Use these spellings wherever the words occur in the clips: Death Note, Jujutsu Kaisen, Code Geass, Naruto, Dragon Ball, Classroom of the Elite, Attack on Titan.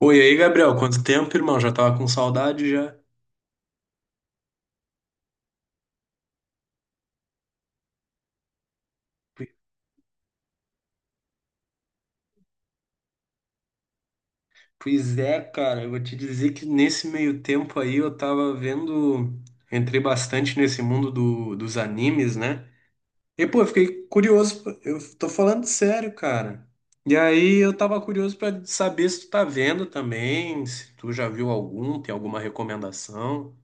Oi, e aí, Gabriel, quanto tempo, irmão? Já tava com saudade já. P- Pois é, cara, eu vou te dizer que nesse meio tempo aí eu tava vendo, entrei bastante nesse mundo dos animes, né? E pô, eu fiquei curioso, pô, eu tô falando sério, cara. E aí eu tava curioso pra saber se tu tá vendo também, se tu já viu algum, tem alguma recomendação.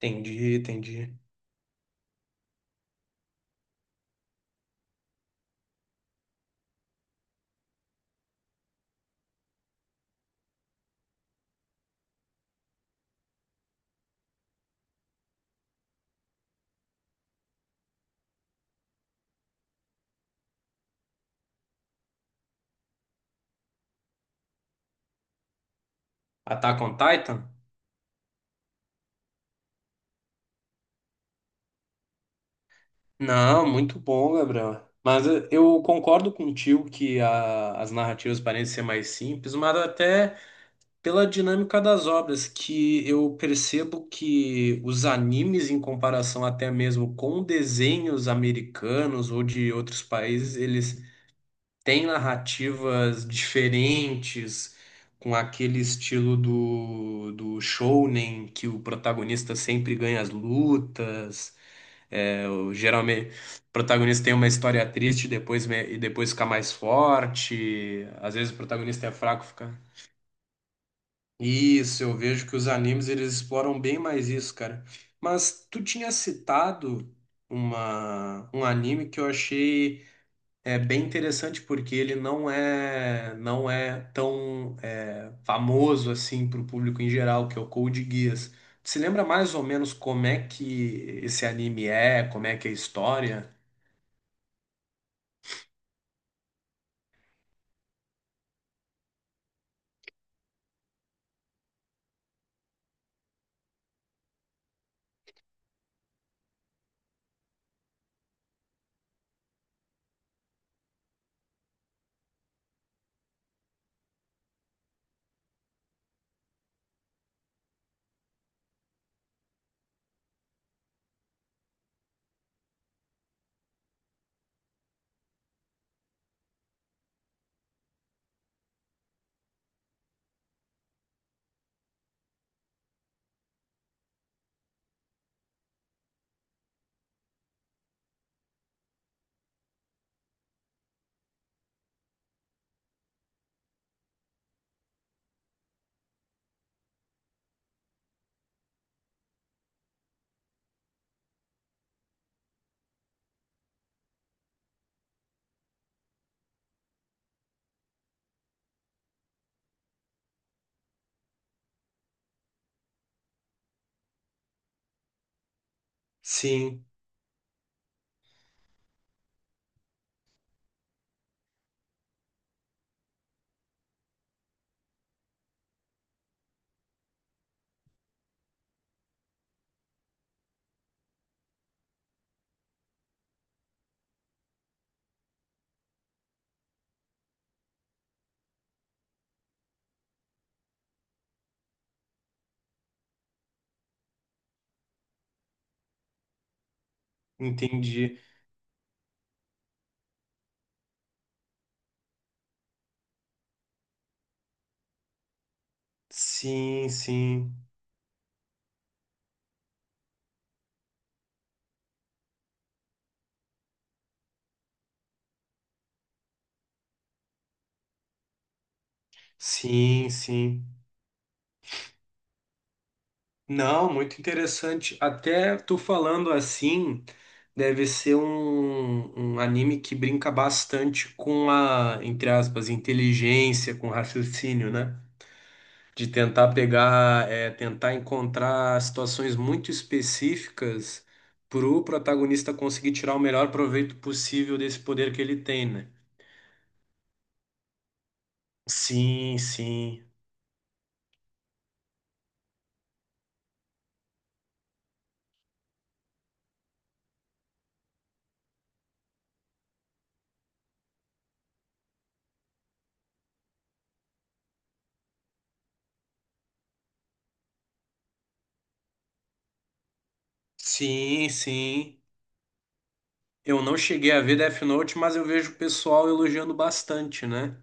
Entendi, entendi. Attack on Titan? Não, muito bom, Gabriel. Mas eu concordo contigo que as narrativas parecem ser mais simples, mas até pela dinâmica das obras, que eu percebo que os animes, em comparação até mesmo com desenhos americanos ou de outros países, eles têm narrativas diferentes, com aquele estilo do shounen, que o protagonista sempre ganha as lutas. É, o, geralmente, o protagonista tem uma história triste e depois fica mais forte. Às vezes o protagonista é fraco, fica. Isso, eu vejo que os animes eles exploram bem mais isso, cara. Mas tu tinha citado um anime que eu achei bem interessante porque ele não é tão famoso assim para o público em geral, que é o Code Geass. Tu se lembra mais ou menos como é que esse anime é, como é que é a história? Sim, entendi. Sim, sim, sim, sim. Não, muito interessante. Até tu falando assim, deve ser um anime que brinca bastante com a, entre aspas, inteligência, com raciocínio, né? De tentar pegar, é, tentar encontrar situações muito específicas pro protagonista conseguir tirar o melhor proveito possível desse poder que ele tem, né? Sim, sim. Sim, sim. Eu não cheguei a ver Death Note, mas eu vejo o pessoal elogiando bastante, né?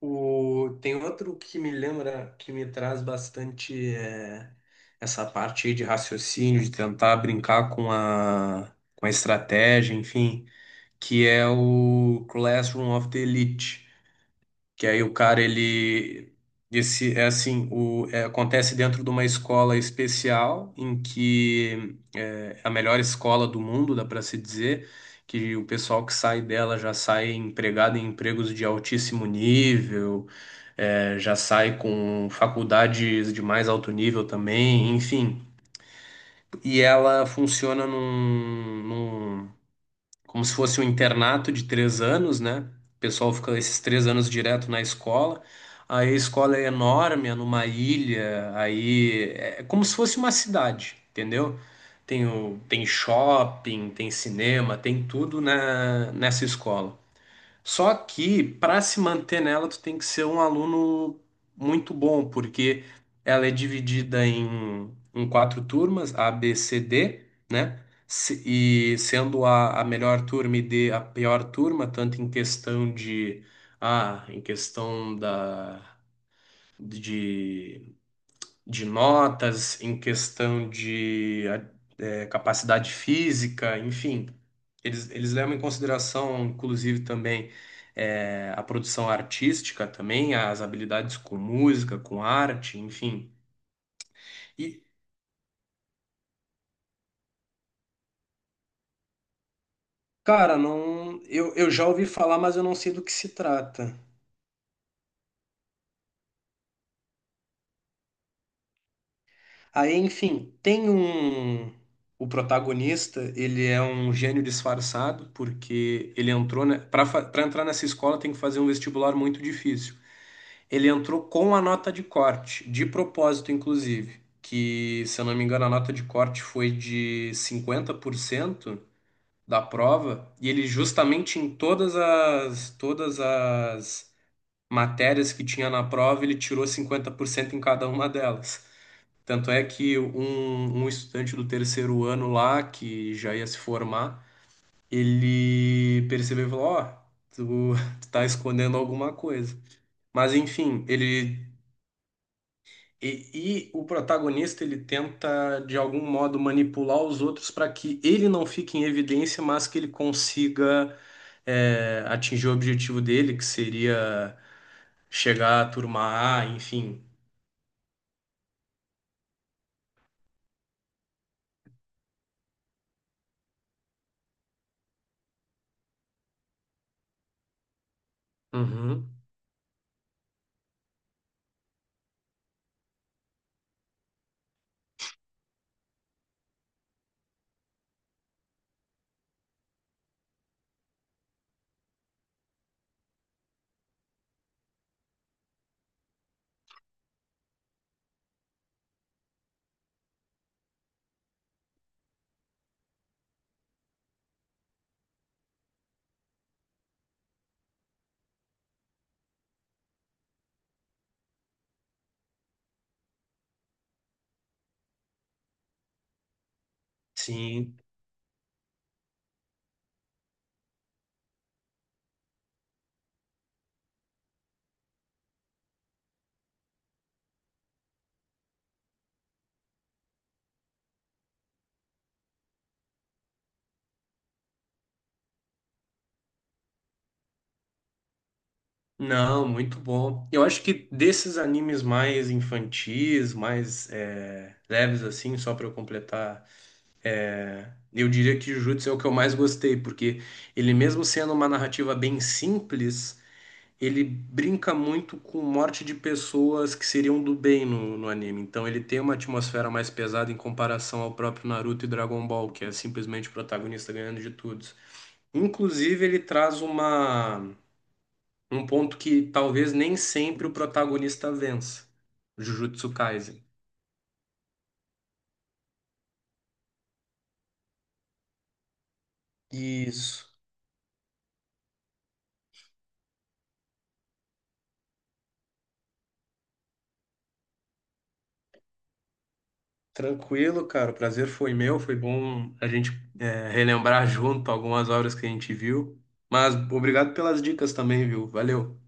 O... Tem outro que me lembra, que me traz bastante essa parte aí de raciocínio, de tentar brincar com a, estratégia, enfim, que é o Classroom of the Elite. Que aí o cara, ele. Esse, é assim, acontece dentro de uma escola especial, em que é a melhor escola do mundo, dá para se dizer, que o pessoal que sai dela já sai empregado em empregos de altíssimo nível, já sai com faculdades de mais alto nível também, enfim. E ela funciona como se fosse um internato de 3 anos, né? O pessoal fica esses 3 anos direto na escola. Aí a escola é enorme, é numa ilha, aí é é como se fosse uma cidade, entendeu? Tem, o, tem shopping, tem cinema, tem tudo na, nessa escola. Só que para se manter nela, tu tem que ser um aluno muito bom, porque ela é dividida em quatro turmas, A, B, C, D, né? E sendo a melhor turma e D a pior turma, tanto em questão de A, em questão da, de de notas, em questão de capacidade física, enfim. Eles levam em consideração, inclusive, também a produção artística, também as habilidades com música, com arte, enfim. E, cara, não, eu já ouvi falar, mas eu não sei do que se trata. Aí, enfim, tem um. O protagonista, ele é um gênio disfarçado, porque ele entrou, né, para entrar nessa escola tem que fazer um vestibular muito difícil. Ele entrou com a nota de corte, de propósito, inclusive, que, se eu não me engano, a nota de corte foi de 50% da prova, e ele justamente em todas as matérias que tinha na prova, ele tirou 50% em cada uma delas. Tanto é que um estudante do terceiro ano lá, que já ia se formar, ele percebeu e falou, ó, tu, tu tá escondendo alguma coisa. Mas enfim, ele. E o protagonista ele tenta de algum modo manipular os outros para que ele não fique em evidência, mas que ele consiga atingir o objetivo dele, que seria chegar à turma A, enfim. Uhum. Sim. Não, muito bom. Eu acho que desses animes mais infantis, mais leves assim, só para eu completar, eu diria que Jujutsu é o que eu mais gostei, porque ele mesmo sendo uma narrativa bem simples ele brinca muito com morte de pessoas que seriam do bem no anime. Então ele tem uma atmosfera mais pesada em comparação ao próprio Naruto e Dragon Ball, que é simplesmente o protagonista ganhando de todos. Inclusive, ele traz um ponto que talvez nem sempre o protagonista vença, Jujutsu Kaisen. Isso. Tranquilo, cara. O prazer foi meu. Foi bom a gente relembrar junto algumas obras que a gente viu. Mas obrigado pelas dicas também, viu? Valeu.